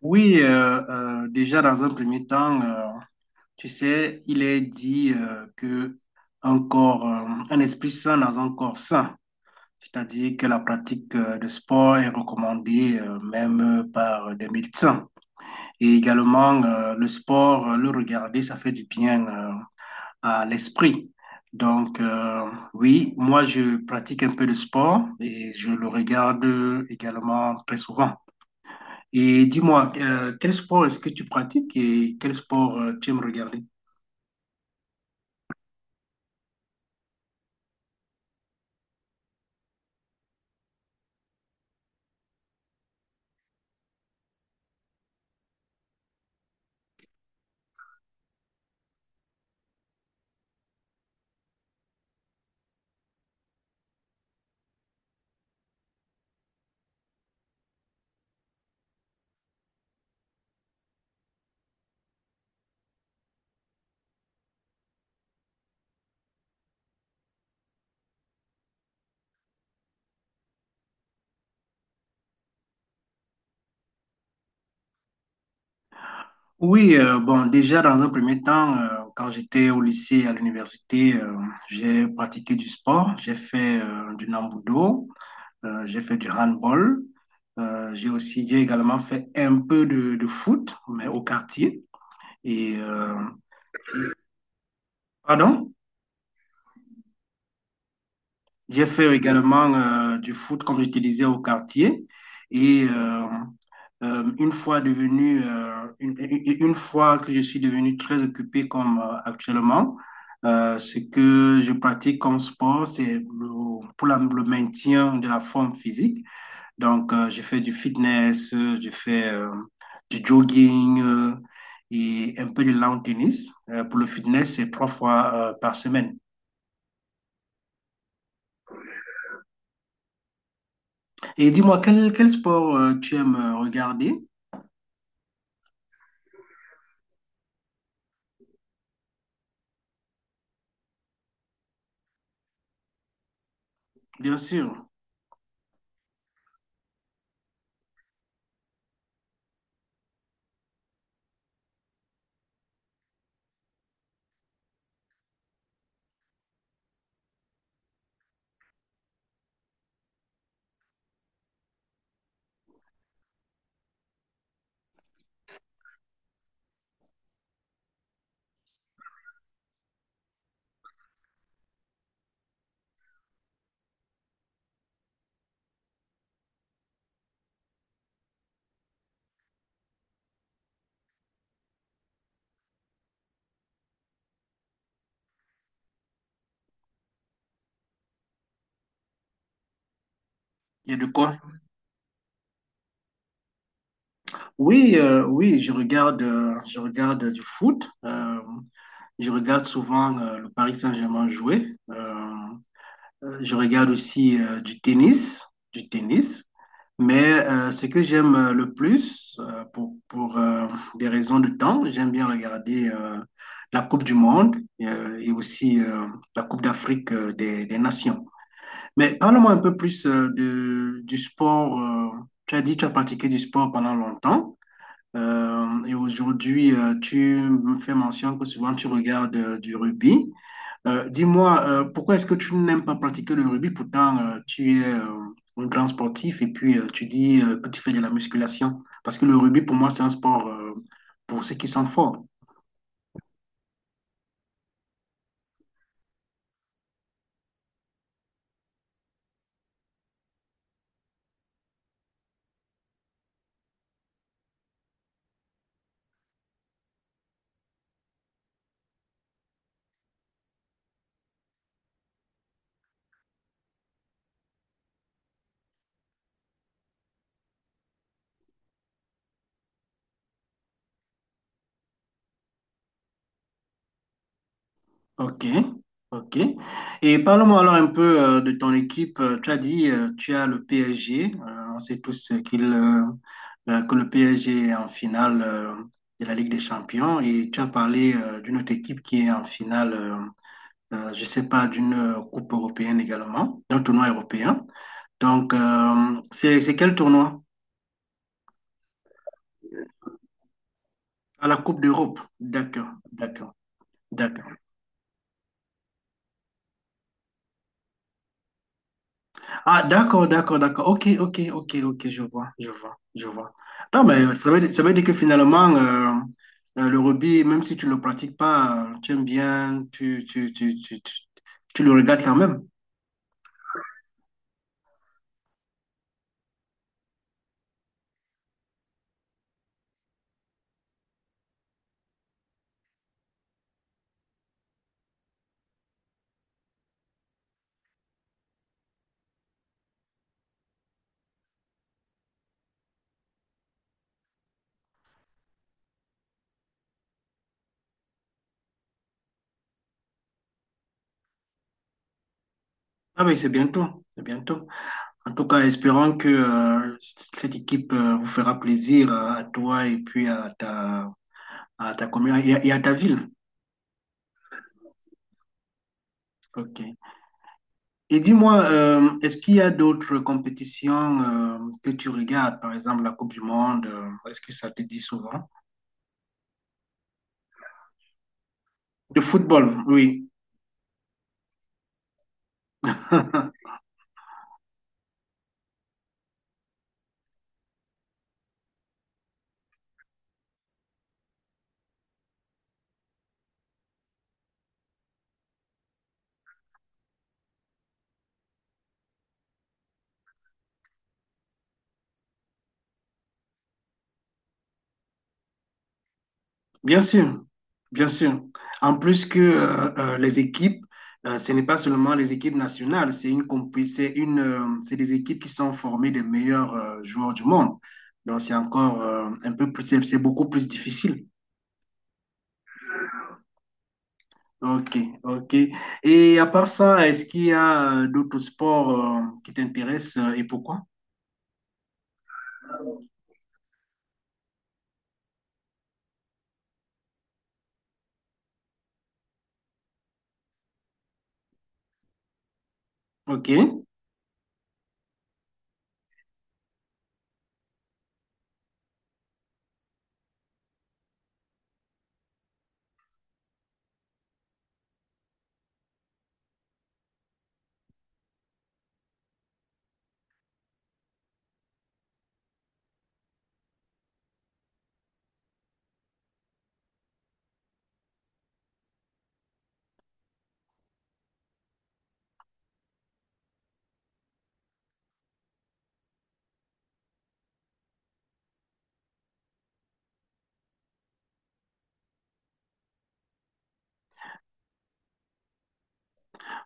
Oui, déjà dans un premier temps, tu sais, il est dit que un corps, un esprit sain dans un corps sain, c'est-à-dire que la pratique de sport est recommandée même par des médecins. Et également, le sport, le regarder, ça fait du bien à l'esprit. Donc, oui, moi, je pratique un peu de sport et je le regarde également très souvent. Et dis-moi, quel sport est-ce que tu pratiques et quel sport tu aimes regarder? Oui, bon, déjà dans un premier temps, quand j'étais au lycée, à l'université, j'ai pratiqué du sport. J'ai fait du nambudo, j'ai fait du handball. J'ai également fait un peu de foot, mais au quartier. Et euh, pardon? J'ai fait également du foot, comme je te disais, au quartier. Et euh, une fois une fois que je suis devenu très occupé comme actuellement, ce que je pratique comme sport, pour le maintien de la forme physique. Donc, je fais du fitness, je fais du jogging et un peu de lawn tennis. Pour le fitness, c'est trois fois par semaine. Et dis-moi, quel sport tu aimes regarder? Bien sûr, il y a de quoi. Oui, je regarde du foot. Je regarde souvent le Paris Saint-Germain jouer. Je regarde aussi du tennis, du tennis. Mais ce que j'aime le plus, pour des raisons de temps, j'aime bien regarder la Coupe du Monde et aussi la Coupe d'Afrique des Nations. Mais parle-moi un peu plus du sport. Tu as dit que tu as pratiqué du sport pendant longtemps. Et aujourd'hui, tu me fais mention que souvent tu regardes du rugby. Dis-moi, pourquoi est-ce que tu n'aimes pas pratiquer le rugby? Pourtant, tu es un grand sportif et puis tu dis que tu fais de la musculation. Parce que le rugby, pour moi, c'est un sport pour ceux qui sont forts. Ok, ok. Et parle-moi alors un peu de ton équipe. Tu as dit, tu as le PSG. On sait tous que le PSG est en finale de la Ligue des Champions. Et tu as parlé d'une autre équipe qui est en finale, je ne sais pas, d'une Coupe européenne également, d'un tournoi européen. Donc, c'est quel tournoi? À la Coupe d'Europe. D'accord, d'accord, d'accord. Ah, d'accord, d'accord, d'accord. Ok, ok, ok, ok, je vois, je vois, je vois. Non, mais ça veut dire que finalement, le rugby, même si tu ne le pratiques pas, tu aimes bien, tu le regardes quand même. Ah, mais c'est bientôt, c'est bientôt. En tout cas, espérons que cette équipe vous fera plaisir à toi et puis à ta commune et à ta ville. Ok. Et dis-moi, est-ce qu'il y a d'autres compétitions que tu regardes, par exemple la Coupe du Monde, est-ce que ça te dit souvent? De football, oui. Bien sûr, bien sûr. En plus que les équipes, ce n'est pas seulement les équipes nationales, c'est une, c'est des équipes qui sont formées des meilleurs joueurs du monde. Donc c'est encore c'est beaucoup plus difficile. Ok, ok. Et à part ça, est-ce qu'il y a d'autres sports qui t'intéressent et pourquoi? Ok.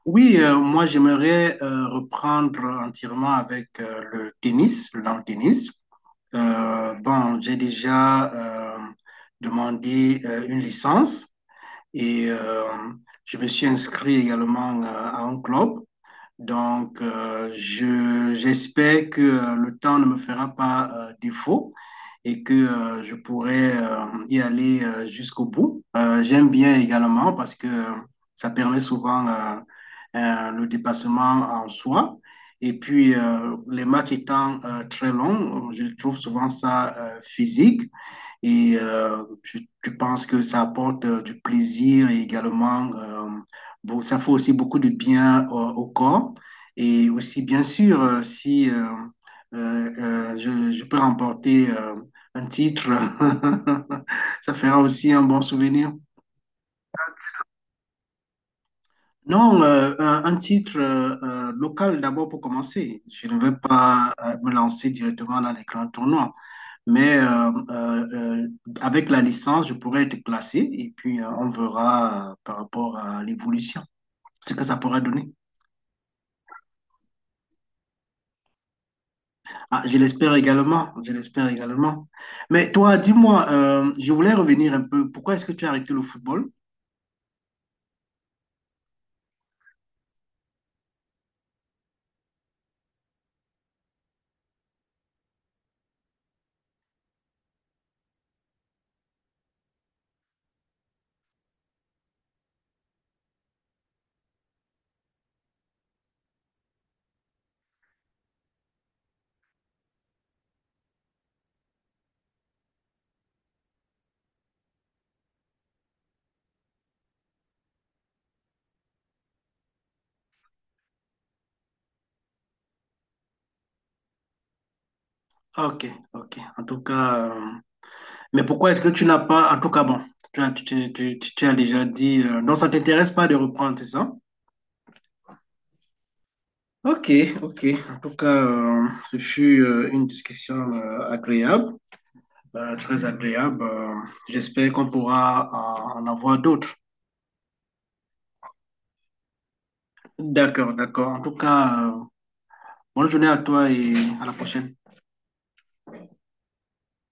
Oui, moi j'aimerais reprendre entièrement avec le long tennis. Bon, j'ai déjà demandé une licence et je me suis inscrit également à un club. Donc, j'espère que le temps ne me fera pas défaut et que je pourrai y aller jusqu'au bout. J'aime bien également parce que ça permet souvent le dépassement en soi. Et puis, les matchs étant très longs, je trouve souvent ça physique. Et je pense que ça apporte du plaisir et également, bon, ça fait aussi beaucoup de bien au corps. Et aussi, bien sûr, si euh, je peux remporter un titre, ça fera aussi un bon souvenir. Non, un titre local d'abord pour commencer. Je ne vais pas me lancer directement dans les grands tournois. Mais avec la licence, je pourrais être classé et puis on verra par rapport à l'évolution, ce que ça pourra donner. Ah, je l'espère également, je l'espère également. Mais toi, dis-moi, je voulais revenir un peu. Pourquoi est-ce que tu as arrêté le football? Ok, ok. En tout cas, mais pourquoi est-ce que tu n'as pas, en tout cas, bon, tu as, tu- tu- tu- tu as déjà dit, non, ça t'intéresse pas de reprendre, c'est ça? Ok, ok. En tout cas, ce fut une discussion agréable. Très agréable. J'espère qu'on pourra en avoir d'autres. D'accord, d'accord. En tout cas, bonne journée à toi et à la prochaine.